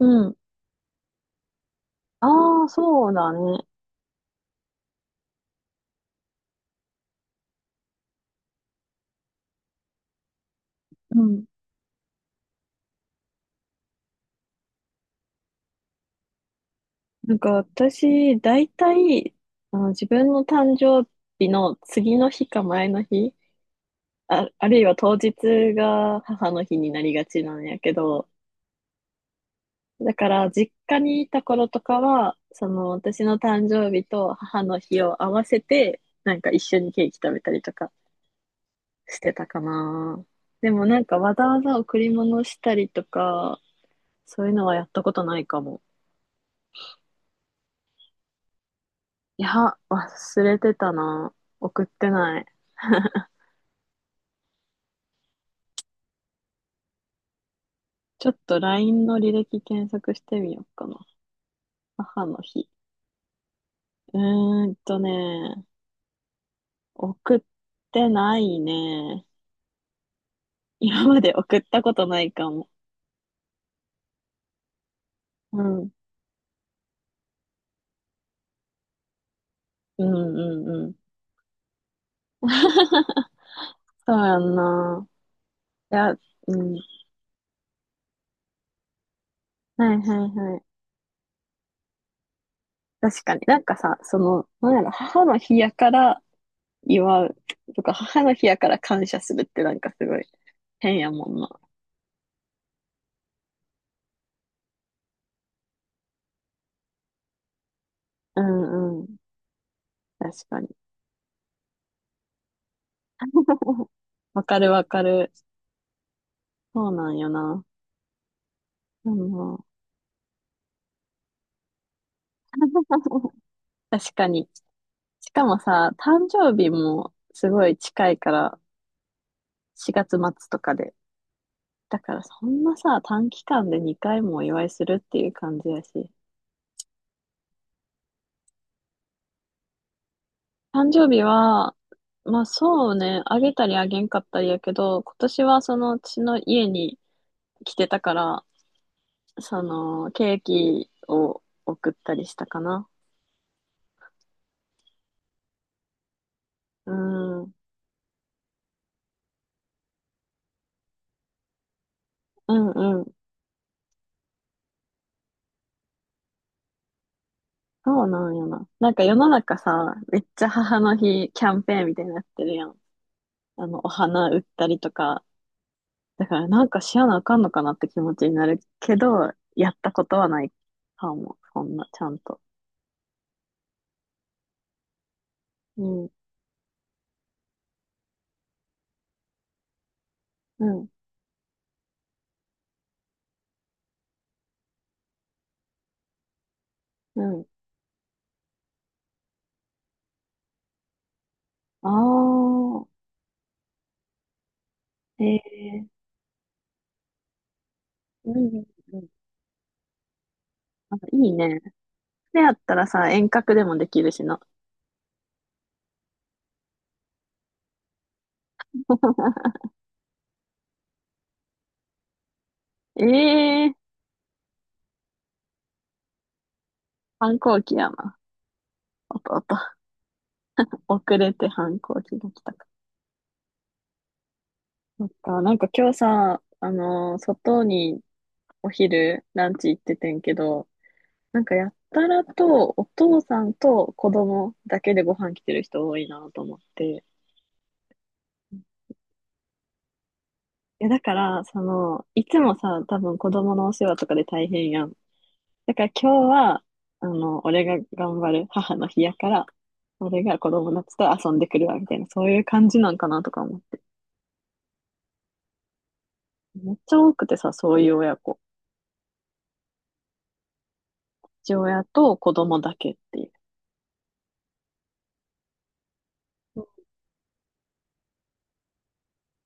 うん。ああ、そうだね。うん。なんか私、大体、あの、自分の誕生日の次の日か前の日、あ、あるいは当日が母の日になりがちなんやけど、だから実家にいた頃とかは、その私の誕生日と母の日を合わせて、なんか一緒にケーキ食べたりとかしてたかな。でもなんかわざわざ贈り物したりとか、そういうのはやったことないかも。いや、忘れてたな。送ってない。ちょっと LINE の履歴検索してみようかな。母の日。うーんとね、送ってないね。今まで送ったことないかも。うん。うんうんうん。そうやんな。いや、うん。はいはいはい。確かになんかさ、その、なんやろ、母の日やから祝うとか、母の日やから感謝するってなんかすごい変やもんな。うんうん。確かに。わかるわかる。そうなんよな。あの、確かに。しかもさ、誕生日もすごい近いから、4月末とかで。だからそんなさ、短期間で2回もお祝いするっていう感じやし。誕生日は、まあそうね、あげたりあげんかったりやけど、今年はそのうちの家に来てたから、そのケーキを送ったりしたかな。うん、うんうん、そうなんよな。なんか世の中さ、めっちゃ母の日キャンペーンみたいになってるやん。あの、お花売ったりとか。だからなんかしやなあかんのかなって気持ちになるけど、やったことはないかも。そんな、ちゃんと。うん、うん、うん。ああ、ええ、うん、うんうん。あ、いいね。でやったらさ、遠隔でもできるしな。ええ、反抗期やな。弟。遅れて反抗期が来たか。そっか、なんか今日さ、あの、外にお昼ランチ行っててんけど、なんかやったらとお父さんと子供だけでご飯来てる人多いなと思って。いやだから、その、いつもさ、多分子供のお世話とかで大変やん。だから今日は、あの、俺が頑張る母の日やから、俺が子供たちと遊んでくるわ、みたいな、そういう感じなんかなとか思って。めっちゃ多くてさ、そういう親子。父親と子供だけっていう。う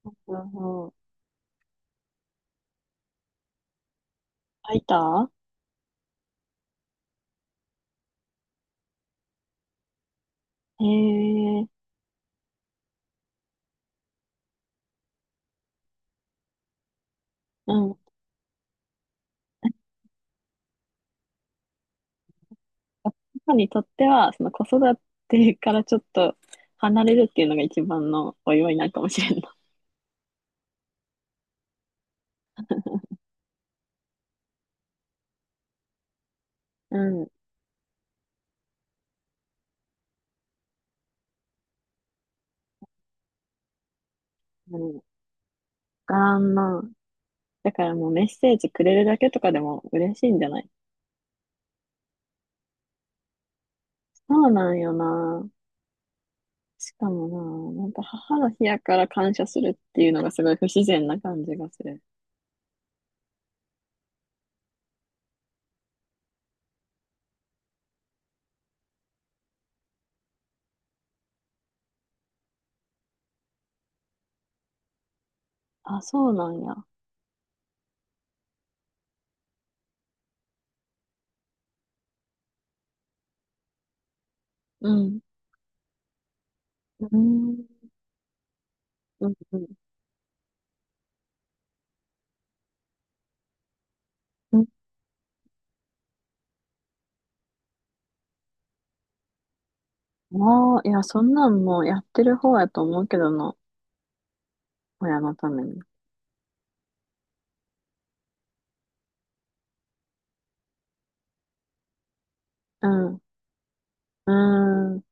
んうんうん。空いた、へえ。うん、母にとっては、その子育てからちょっと離れるっていうのが一番のお祝いなのかもしれんな。うん。うん、あんな。だからもうメッセージくれるだけとかでも嬉しいんじゃない、そうなんよな。しかもな、なんか母の日やから感謝するっていうのがすごい不自然な感じがする。あ、そうなんや。うん。うん。うん。うん。うん、もう、いや、そんなんもうやってる方やと思うけどな。親のために。うん。うん。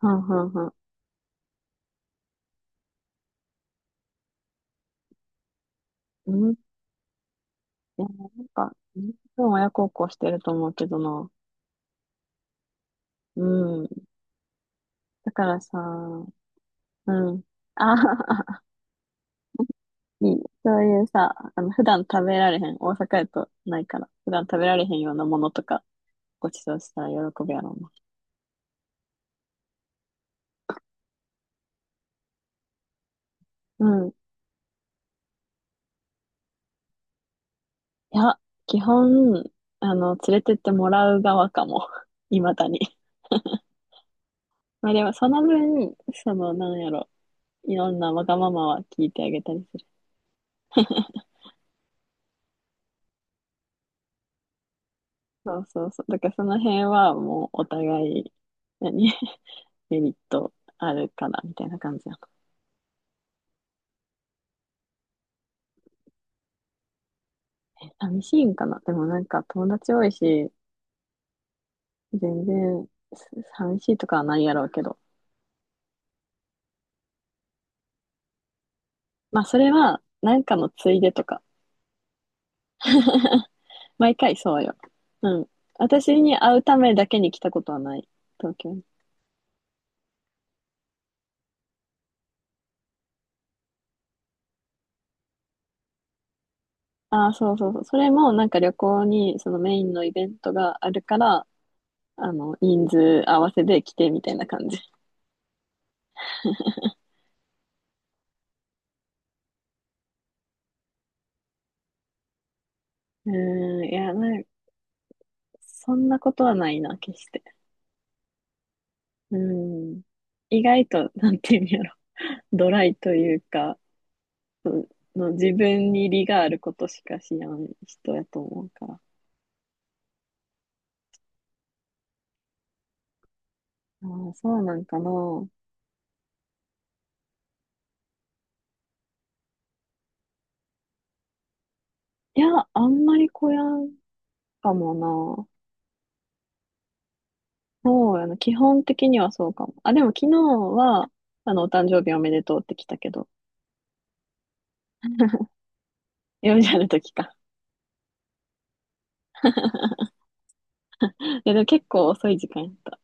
はんはんはん。うん。いや、なんか、みんな親孝行してると思うけどな。うん。だからさ、うん。ああ、いい。そういうさ、あの、普段食べられへん。大阪やとないから。普段食べられへんようなものとか、ごちそうしたら喜ぶやろうな。うん。いや、基本、あの、連れてってもらう側かも。いまだに。まあでも、その分、その、なんやろ。いろんなわがままは聞いてあげたりする、そうそうそう。だからその辺はもうお互い、何 メリットあるかなみたいな感じなの。寂しいんかな、でもなんか友達多いし、全然、す寂しいとかはないやろうけど。まあそれは、なんかのついでとか。毎回そうよ。うん。私に会うためだけに来たことはない。東京に。ああ、そうそうそう。それもなんか旅行にそのメインのイベントがあるから、あの、人数合わせで来てみたいな感じ。うーん、いや、なんそんなことはないな、決して。うん。意外と、なんていうんやろ、ドライというか、うんの自分に利があることしかしない人やと思うから。ああ、そうなんかな。いや、あんまりこやんかもな。そうやな。基本的にはそうかも。あ、でも昨日は、あの、お誕生日おめでとうって来たけど、4時ある時か。いや、でも結構遅い時間やった。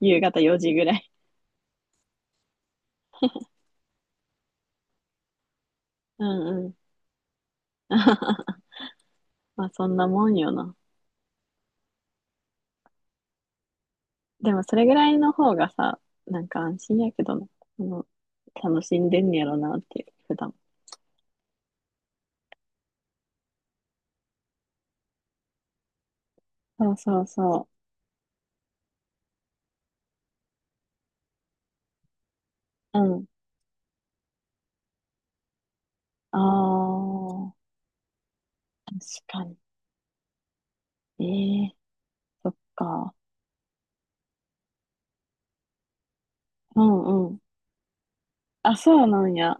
夕方4時ぐらい。うんうん。まあ、そんなもんよな。でもそれぐらいの方がさ、なんか安心やけどな。あの、楽しんでんねやろなっていう、普段。そうそうそう。うん。ああ、確かに。ええ、そっか。うんうん。あ、そうなんや。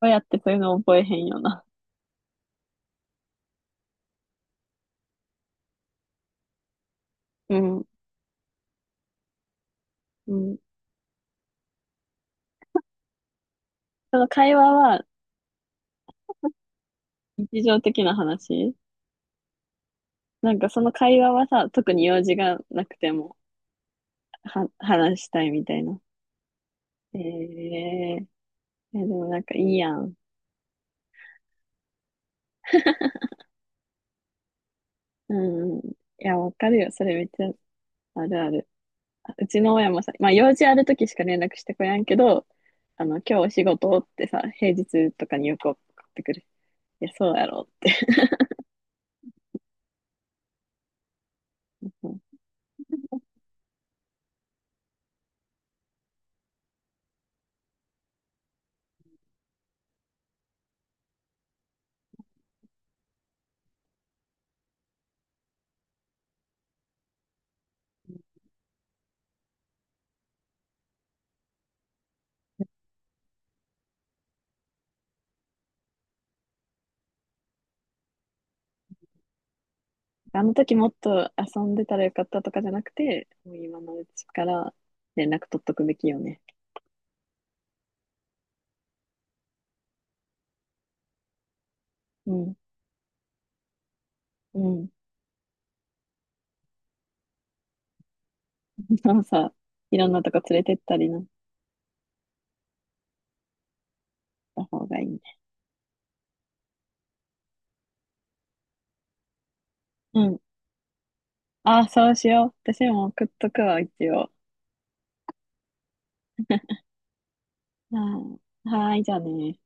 どうやってそういうの覚えへんよな。うん。うん。その会話は日常的な話なんか、その会話はさ、特に用事がなくても、は話したいみたいな。ええ、え、でもなんかいいやん。うんうん。いや、わかるよ。それめっちゃあるある。うちの親もさ、まあ用事ある時しか連絡してこやんけど、あの、今日お仕事ってさ、平日とかによく送ってくる。いや、そうやろって。うん、あの時もっと遊んでたらよかったとかじゃなくて、もう今のうちから連絡取っとくべきよね。うん、うん。でもさ、いろんなとこ連れてったりなった方がいいね。うん。ああ、そうしよう。私も送っとくわ、一応。ああ、はーい、じゃあね。